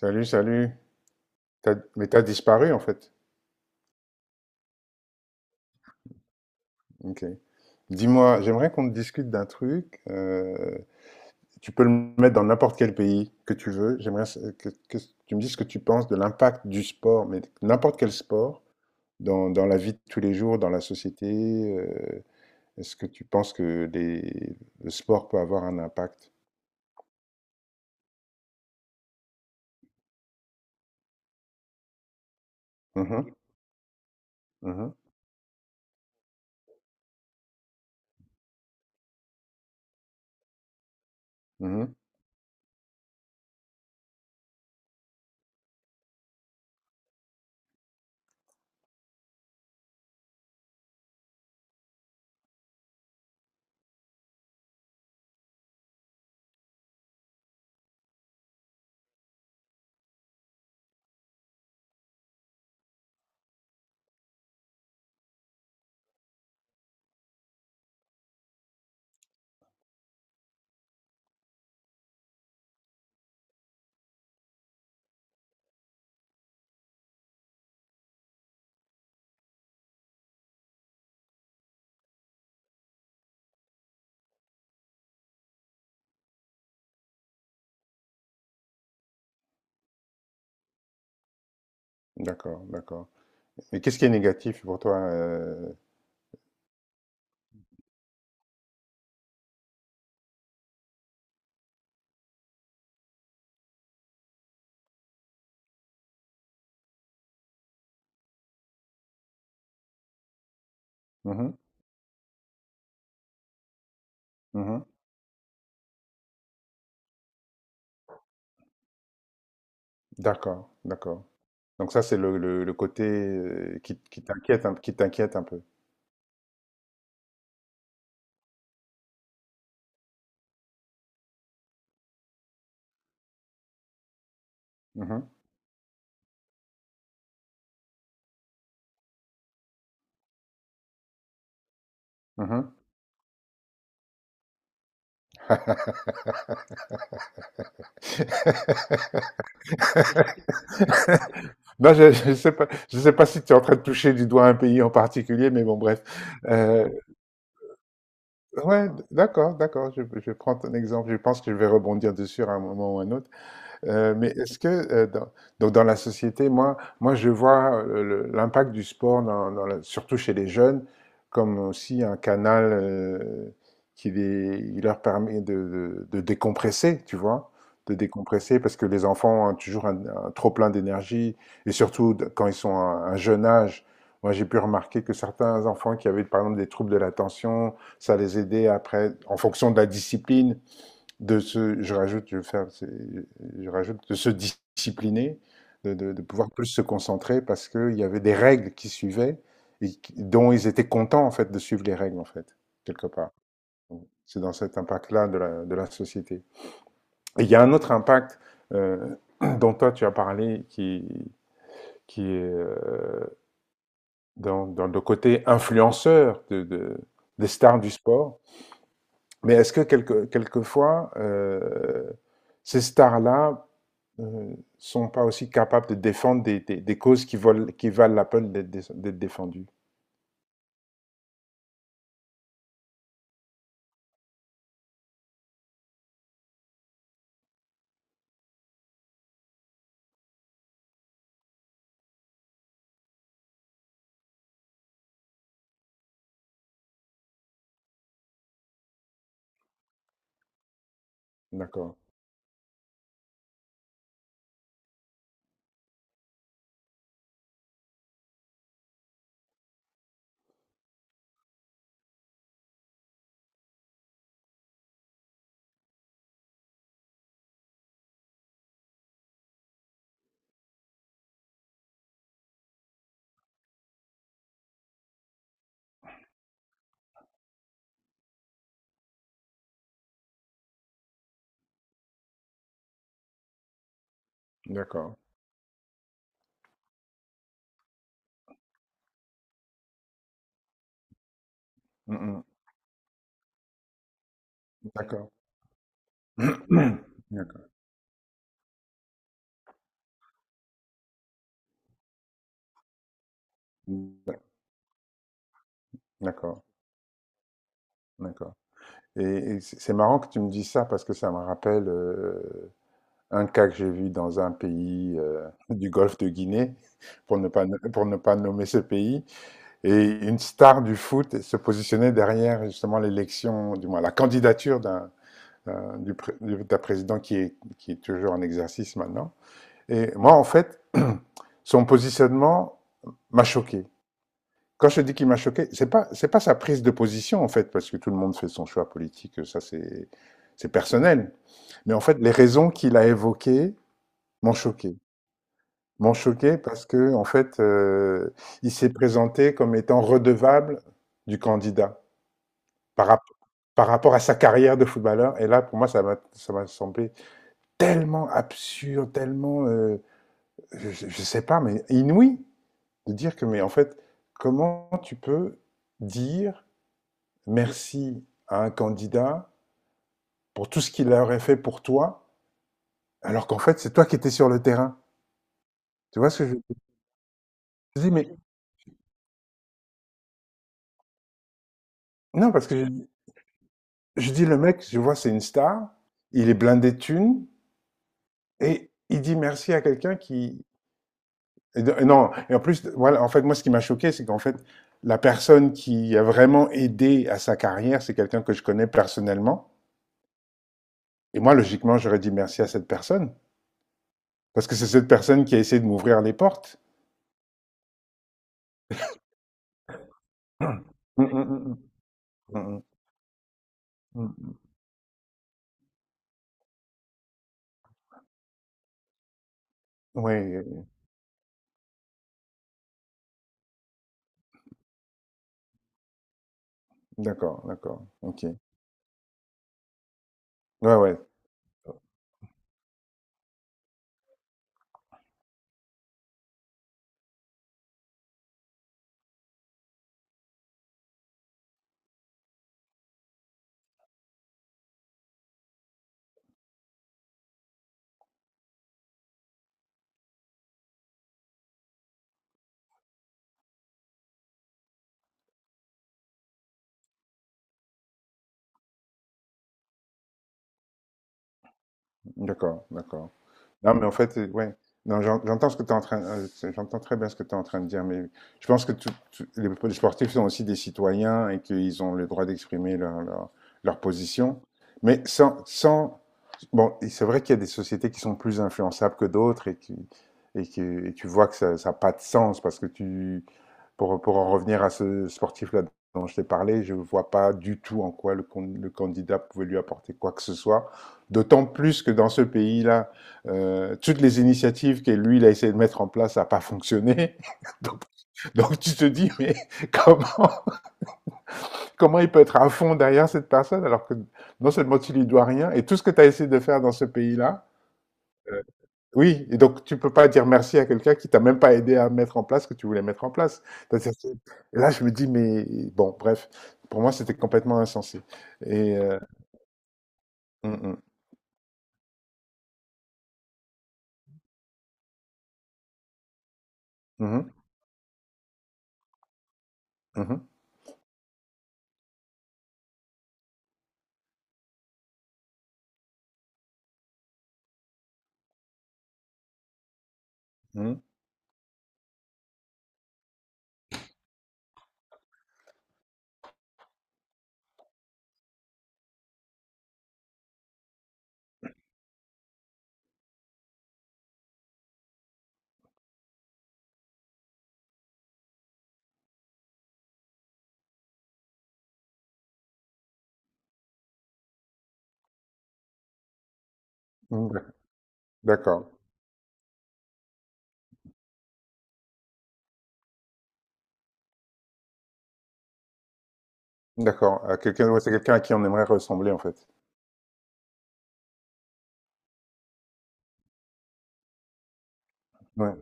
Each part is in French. Salut, salut. Mais t'as disparu en fait. Ok. Dis-moi, j'aimerais qu'on discute d'un truc. Tu peux le mettre dans n'importe quel pays que tu veux. J'aimerais que tu me dises ce que tu penses de l'impact du sport, mais n'importe quel sport, dans la vie de tous les jours, dans la société. euh, Est-ce que tu penses que les- le sport peut avoir un impact? Mhm, mhm, mhm. D'accord, d'accord. Mais qu'est-ce qui est négatif pour toi? Mhm, mhm. D'accord, d'accord. Donc ça, c'est le côté qui t'inquiète un peu. Mhm, mhm. Non, je sais pas si tu es en train de toucher du doigt un pays en particulier, mais bon, bref. Euh, ouais, d'accord, d'accord. Je prends ton exemple. Je pense que je vais rebondir dessus à un moment ou à un autre. Mais est-ce que donc dans la société, moi je vois l'impact du sport, surtout chez les jeunes, comme aussi un canal qui leur permet de décompresser, tu vois, de décompresser, parce que les enfants ont toujours un trop-plein d'énergie, et surtout quand ils sont à un jeune âge. Moi, j'ai pu remarquer que certains enfants qui avaient, par exemple, des troubles de l'attention, ça les aidait après, en fonction de la discipline, de se, je rajoute, je vais faire, je rajoute, de se discipliner, de pouvoir plus se concentrer parce qu'il y avait des règles qui suivaient dont ils étaient contents en fait de suivre les règles en fait, quelque part. Donc, c'est dans cet impact-là de de la société. Et il y a un autre impact euh, dont toi tu as parlé qui est dans le côté influenceur des stars du sport. Mais est-ce que quelquefois, ces stars-là ne sont pas aussi capables de défendre des causes qui valent la peine d'être défendues. D'accord, d'accord, Mm, mm, d'accord, d'accord, d'ac- d'accord, d'accord. Et, et c'est marrant que tu me dises ça parce que ça me rappelle un cas que j'ai vu dans un pays du Golfe de Guinée, pour ne pas, no, pour ne pas nommer ce pays, et une star du foot se positionnait derrière justement l'élection, du moins la candidature d'un euh, du, d'un président qui est toujours en exercice maintenant. Et moi, en fait, son positionnement m'a choqué. Quand je dis qu'il m'a choqué, c'est pas sa prise de position en fait, parce que tout le monde fait son choix politique, ça c'est personnel. Mais en fait, les raisons qu'il a évoquées m'ont choqué, m'ont choqué parce que en fait, il s'est présenté comme étant redevable du candidat par rapport par rapport à sa carrière de footballeur. Et là, pour moi, ça m'a semblé tellement absurde, tellement, je sais pas, mais inouï de dire que, mais en fait, comment tu peux dire merci à un candidat pour tout ce qu'il aurait fait pour toi, alors qu'en fait, c'est toi qui étais sur le terrain. Tu vois ce que je dis. Mais non, je dis le mec, je vois, c'est une star, il est blindé de thunes, et il dit merci à quelqu'un qui, non, et en plus, voilà, en fait, moi, ce qui m'a choqué, c'est qu'en fait, la personne qui a vraiment aidé à sa carrière, c'est quelqu'un que je connais personnellement. Et moi, logiquement, j'aurais dit merci à cette personne. Parce que c'est cette personne qui a essayé de m'ouvrir les portes. Oui, d'accord, d'accord. Ok. Ouais, ouais, d'accord, d'accord. Non, mais en fait, ouais. Non, j'entends ce que tu es en train, j'entends très bien ce que tu es en train de dire, mais je pense que les sportifs sont aussi des citoyens et qu'ils ont le droit d'exprimer leur position. Mais sans, sans, bon, et c'est vrai qu'il y a des sociétés qui sont plus influençables que d'autres et tu vois que ça n'a pas de sens parce que tu, pour en revenir à ce sportif-là dont je t'ai parlé, je ne vois pas du tout en quoi le candidat pouvait lui apporter quoi que ce soit. D'autant plus que dans ce pays-là, toutes les initiatives que lui, il a essayé de mettre en place, ça n'a pas fonctionné. Donc, donc tu te dis, mais comment, comment il peut être à fond derrière cette personne alors que non seulement tu lui dois rien et tout ce que tu as essayé de faire dans ce pays-là, euh, oui, et donc tu peux pas dire merci à quelqu'un qui t'a même pas aidé à mettre en place ce que tu voulais mettre en place. C'est-à-dire que- Et là, je me dis, mais bon, bref, pour moi, c'était complètement insensé. Et mm, mm, mhm, mhm, mhm, mhm, d'accord, d'accord. Quelqu'un, ouais, c'est quelqu'un à qui on aimerait ressembler, en fait. Ouais,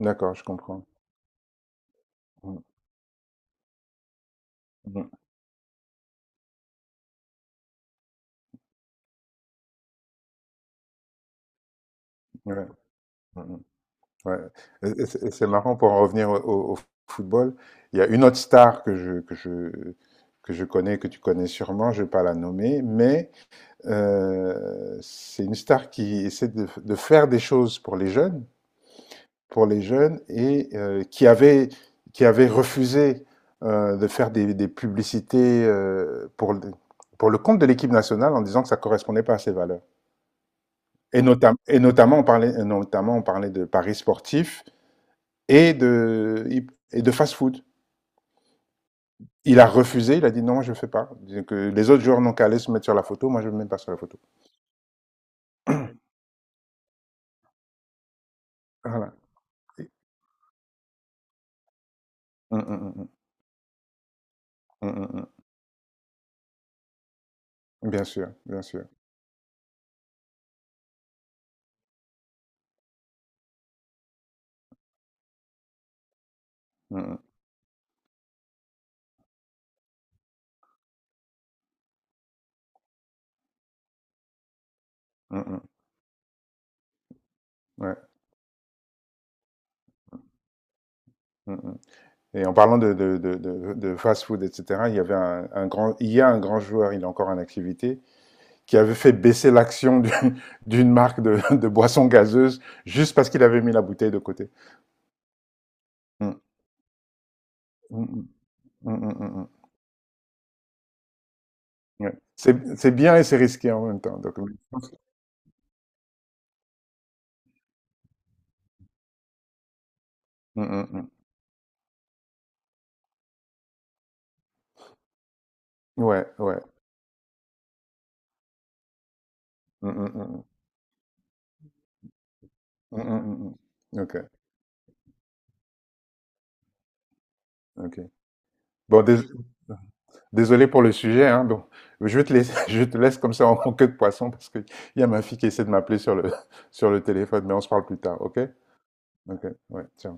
d'accord, je comprends. Mm, mm, ouais, mm, mm, ouais. Et c'est marrant pour en revenir au football. Il y a une autre star que je connais, que tu connais sûrement. Je ne vais pas la nommer, mais c'est une star qui essaie de faire des choses pour les jeunes, et qui avait refusé de faire des publicités pour le compte de l'équipe nationale en disant que ça correspondait pas à ses valeurs. Et, notam et notamment on parlait et notamment on parlait de paris sportifs et de et de fast-food. Il a refusé, il a dit non, moi je ne fais pas. Que les autres joueurs n'ont qu'à aller se mettre sur la photo, moi je ne me mets pas sur la photo. Voilà. Mmh, mmh, mmh, bien sûr, bien sûr. Mmh mh. Mmh mh. Ouais. Mmh mh, et en parlant de fast-food et cetera, il y avait un grand il y a un grand joueur, il est encore en activité, qui avait fait baisser l'action d'une d'une marque de boissons gazeuses juste parce qu'il avait mis la bouteille de côté. Mmh. Mmh mh. Mmh mh. Mmh mmh. Ouais. C'est bien et c'est risqué en même temps. Donc, oui. Mmh mh. Ouais, ouais. Mmh mh. Mmh mh. Mmh mh. Mmh mmh. OK, OK. Bon dés Désolé pour le sujet, hein, bon, je te laisse, je te laisse comme ça en queue de poisson parce qu'il y a ma fille qui essaie de m'appeler sur le, sur le téléphone, mais on se parle plus tard, ok? Ok, ouais, tiens.